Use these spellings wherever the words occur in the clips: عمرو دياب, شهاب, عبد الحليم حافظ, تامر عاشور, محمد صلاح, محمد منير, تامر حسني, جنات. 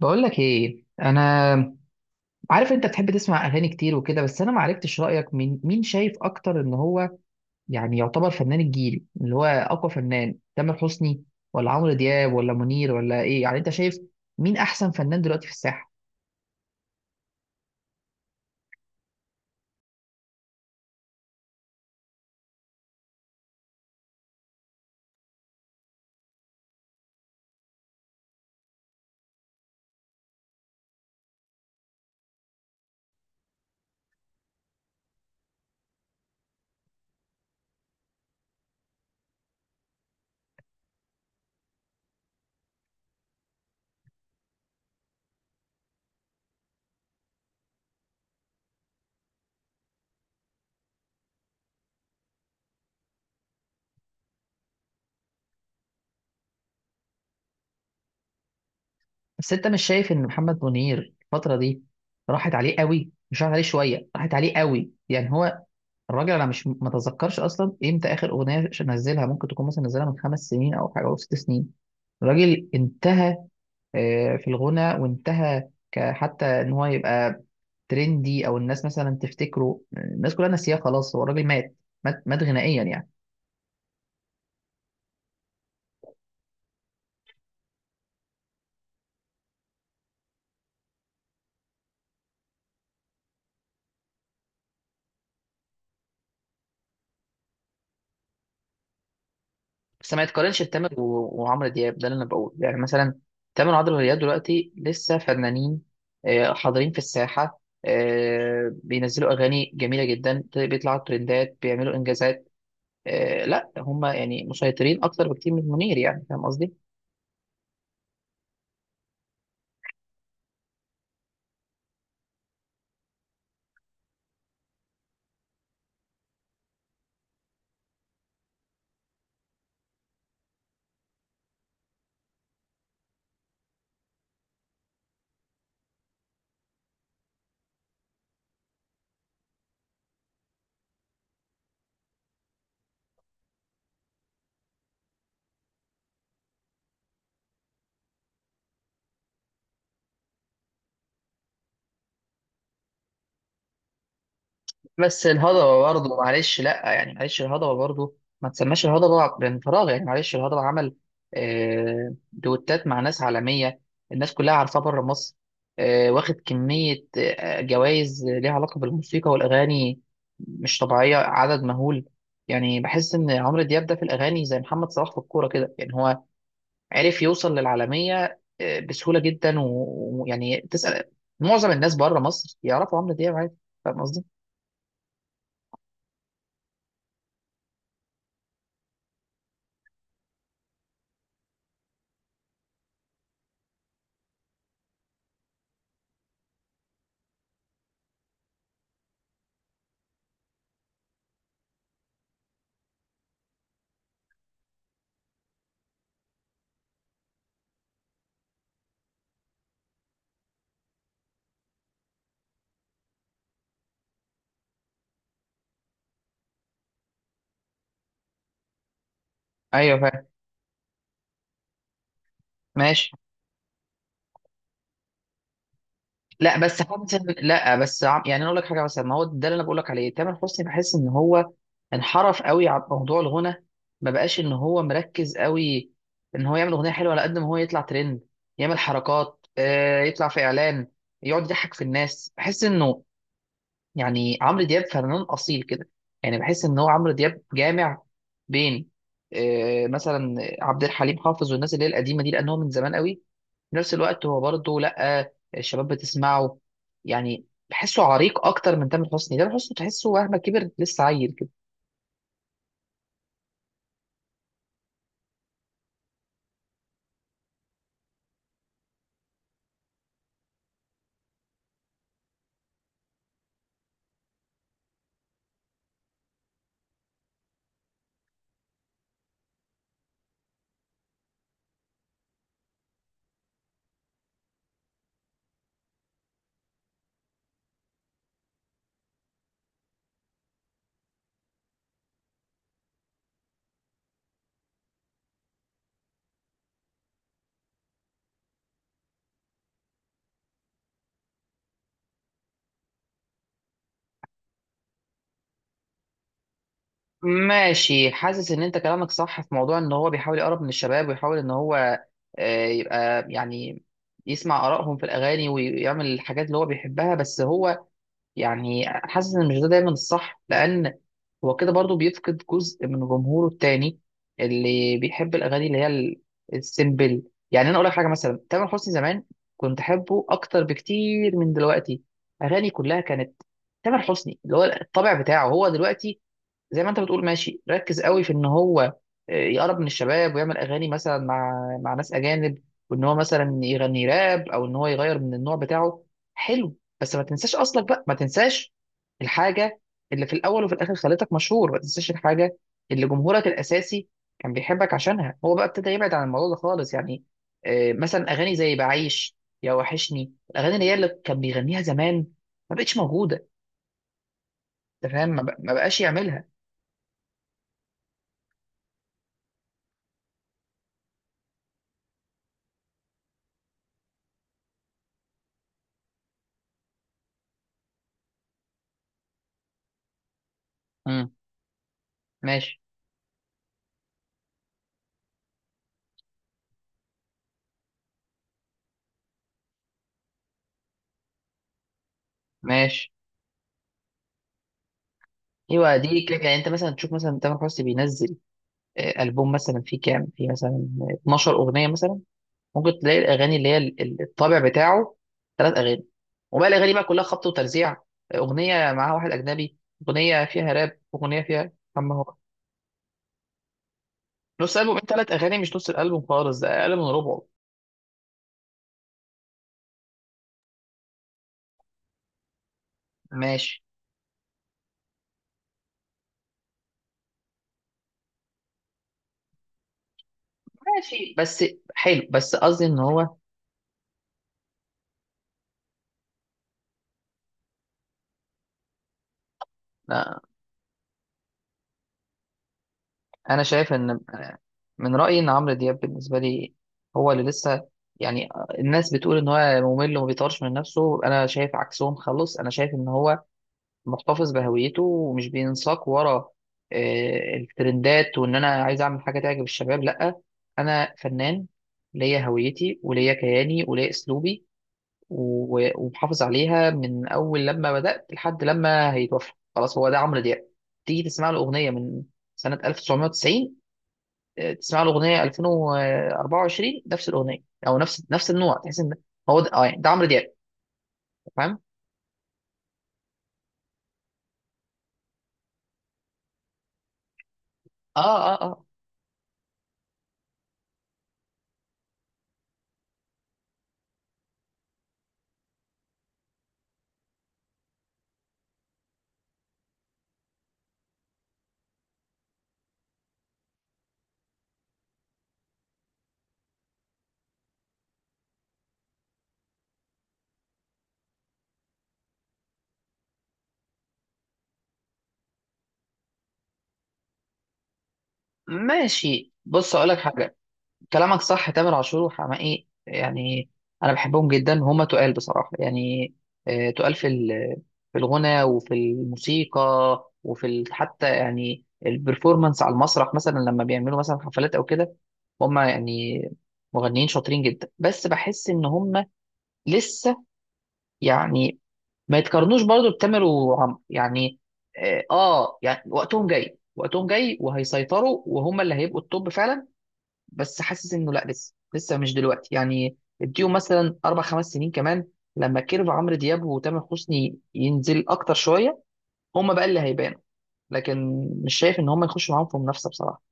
بقول لك ايه. انا عارف انت بتحب تسمع اغاني كتير وكده، بس انا ما عرفتش رايك، مين شايف اكتر ان هو يعني يعتبر فنان الجيل، اللي هو اقوى فنان، تامر حسني ولا عمرو دياب ولا منير ولا ايه؟ يعني انت شايف مين احسن فنان دلوقتي في الساحه؟ بس انت مش شايف ان محمد منير الفتره دي راحت عليه قوي؟ مش راحت عليه شويه، راحت عليه قوي يعني. هو الراجل، انا مش متذكرش اصلا امتى اخر اغنيه نزلها، ممكن تكون مثلا نزلها من خمس سنين او حاجه او ست سنين. الراجل انتهى في الغنى، وانتهى حتى ان هو يبقى ترندي او الناس مثلا تفتكره. الناس كلها ناسياه، خلاص، هو الراجل مات، مات غنائيا يعني. بس ما يتقارنش بتامر وعمرو دياب، ده اللي انا بقوله. يعني مثلا تامر وعمرو دياب دلوقتي لسه فنانين، حاضرين في الساحه، بينزلوا اغاني جميله جدا، بيطلعوا ترندات، بيعملوا انجازات. لا، هم يعني مسيطرين اكتر بكتير من منير، يعني فاهم قصدي. بس الهضبة برضه، معلش، لا يعني معلش، الهضبة برضه ما تسماش الهضبة من فراغ يعني. معلش، الهضبة عمل دوتات مع ناس عالمية، الناس كلها عارفاه بره مصر، واخد كمية جوائز ليها علاقة بالموسيقى والأغاني مش طبيعية، عدد مهول. يعني بحس إن عمرو دياب ده في الأغاني زي محمد صلاح في الكورة كده. يعني هو عرف يوصل للعالمية بسهولة جدا، ويعني تسأل معظم الناس بره مصر يعرفوا عمرو دياب عادي. فاهم قصدي؟ أيوه فاهم. ماشي. لا بس حاسس لا بس يعني انا اقول لك حاجه. مثلا ما هو ده اللي انا بقول لك عليه، تامر حسني بحس ان هو انحرف قوي عن موضوع الغنى، ما بقاش ان هو مركز قوي ان هو يعمل اغنيه حلوه، على قد ما هو يطلع ترند، يعمل حركات، يطلع في اعلان، يقعد يضحك في الناس. بحس انه يعني عمرو دياب فنان اصيل كده. يعني بحس ان هو عمرو دياب جامع بين، مثلا عبد الحليم حافظ والناس اللي هي القديمه دي، لان هو من زمان قوي، في نفس الوقت هو برضه لا الشباب بتسمعه. يعني بحسه عريق اكتر من تامر حسني. تامر حسني تحسه مهما كبر لسه عيل كده. ماشي، حاسس ان انت كلامك صح في موضوع ان هو بيحاول يقرب من الشباب، ويحاول ان هو يبقى يعني يسمع آرائهم في الأغاني ويعمل الحاجات اللي هو بيحبها. بس هو يعني حاسس ان مش ده دايما الصح، لان هو كده برضو بيفقد جزء من جمهوره التاني، اللي بيحب الاغاني اللي هي السيمبل. يعني انا اقول لك حاجه، مثلا تامر حسني زمان كنت احبه اكتر بكتير من دلوقتي. اغاني كلها كانت تامر حسني، اللي هو الطبع بتاعه. هو دلوقتي زي ما انت بتقول ماشي، ركز قوي في ان هو يقرب من الشباب، ويعمل اغاني مثلا مع، مع ناس اجانب، وان هو مثلا يغني راب، او ان هو يغير من النوع بتاعه. حلو، بس ما تنساش اصلك بقى. ما تنساش الحاجه اللي في الاول وفي الاخر خلتك مشهور. ما تنساش الحاجه اللي جمهورك الاساسي كان بيحبك عشانها. هو بقى ابتدى يبعد عن الموضوع ده خالص يعني. مثلا اغاني زي بعيش، يا وحشني، الاغاني اللي هي اللي كان بيغنيها زمان ما بقتش موجوده. انت فاهم؟ ما بقاش يعملها. امم ماشي. ماشي. ايوه، دي كده يعني. انت مثلا تشوف مثلا تامر حسني بينزل البوم مثلا فيه كام، فيه مثلا 12 اغنيه مثلا، ممكن تلاقي الاغاني اللي هي الطابع بتاعه ثلاث اغاني، وبقى الاغاني بقى كلها خبط وترزيع، اغنيه معاها واحد اجنبي، اغنيه فيها راب، اغنيه فيها. اما هو نص البوم، انت ثلاث اغاني مش نص الالبوم خالص، ده اقل من ربعه. ماشي. ماشي بس. حلو، بس قصدي ان هو آه، انا شايف ان، من رأيي إن عمرو دياب بالنسبة لي هو اللي لسه يعني. الناس بتقول إن هو ممل وما بيطورش من نفسه، أنا شايف عكسهم خالص. أنا شايف إن هو محتفظ بهويته ومش بينساق ورا الترندات، وإن أنا عايز أعمل حاجة تعجب الشباب، لأ. أنا فنان ليا هويتي وليا كياني وليا أسلوبي، ومحافظ عليها من أول لما بدأت لحد لما هيتوفى. خلاص، هو ده عمرو دياب. تيجي تسمع له أغنية من سنة 1990، تسمع له اغنيه 2024، نفس الاغنيه او نفس نفس النوع، تحس ان هو ده. اه يعني، ده عمرو دياب. فاهم. اه، اه، اه. ماشي، بص اقول لك حاجه. كلامك صح، تامر عاشور وحماقي يعني، انا بحبهم جدا. هما تقال بصراحه يعني، تقال في في الغنى وفي الموسيقى، وفي حتى يعني البرفورمانس على المسرح، مثلا لما بيعملوا مثلا حفلات او كده. هما يعني مغنيين شاطرين جدا. بس بحس ان هما لسه يعني، ما يتقارنوش برضو بتامر وعمرو يعني. اه، يعني وقتهم جاي، وقتهم جاي، وهيسيطروا، وهم اللي هيبقوا التوب فعلا. بس حاسس انه لا، لسه، لسه مش دلوقتي يعني. اديهم مثلا اربع خمس سنين كمان، لما كيرف عمرو دياب وتامر حسني ينزل اكتر شويه، هم بقى اللي هيبانوا. لكن مش شايف ان هم يخشوا معاهم في منافسه بصراحه.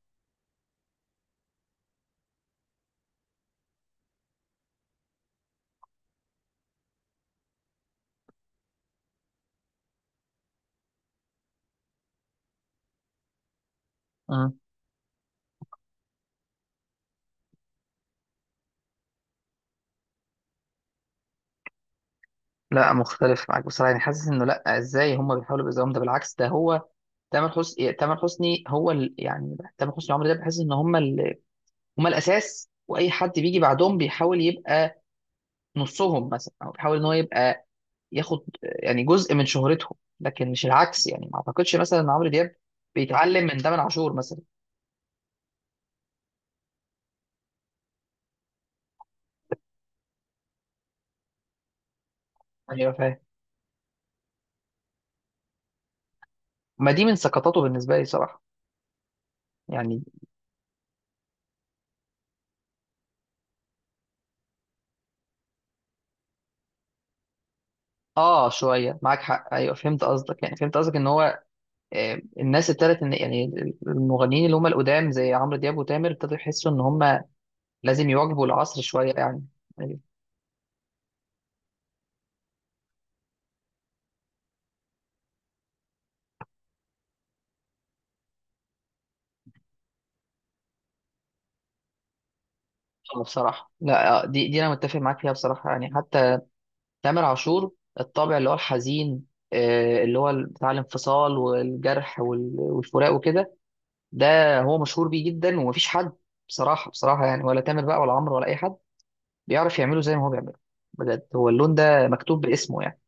مم. لا مختلف معاك بصراحه يعني. حاسس انه لا، ازاي هم بيحاولوا بيزاهم؟ ده بالعكس. ده هو تامر حسني، تامر حسني هو ال... يعني تامر حسني وعمرو دياب بحس ان هم ال... هم الاساس، واي حد بيجي بعدهم بيحاول يبقى نصهم مثلا، او بيحاول ان هو يبقى ياخد يعني جزء من شهرتهم. لكن مش العكس يعني. ما اعتقدش مثلا ان عمرو دياب بيتعلم من تامر عاشور مثلا. يعني ايوه فاهم. ما دي من سقطاته بالنسبه لي صراحه يعني. اه، شويه معاك حق. ايوه، فهمت قصدك. يعني فهمت قصدك ان هو الناس ابتدت ان يعني، المغنيين اللي هم القدام زي عمرو دياب وتامر ابتدوا يحسوا ان هم لازم يواكبوا العصر شوية يعني. أيوة. بصراحة لا، دي أنا متفق معاك فيها بصراحة يعني. حتى تامر عاشور، الطابع اللي هو الحزين، اللي هو بتاع الانفصال والجرح والفراق وكده، ده هو مشهور بيه جدا. ومفيش حد، بصراحة بصراحة يعني، ولا تامر بقى ولا عمرو ولا أي حد بيعرف يعمله زي ما هو بيعمله. بجد، هو اللون ده مكتوب باسمه يعني.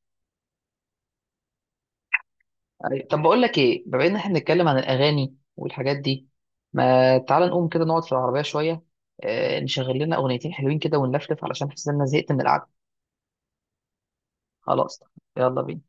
أيوة. طب بقول لك ايه، بما ان احنا بنتكلم عن الاغاني والحاجات دي، ما تعال نقوم كده نقعد في العربيه شويه، نشغل لنا اغنيتين حلوين كده ونلفلف، علشان حاسس ان انا زهقت من القعده. خلاص، يلا بينا.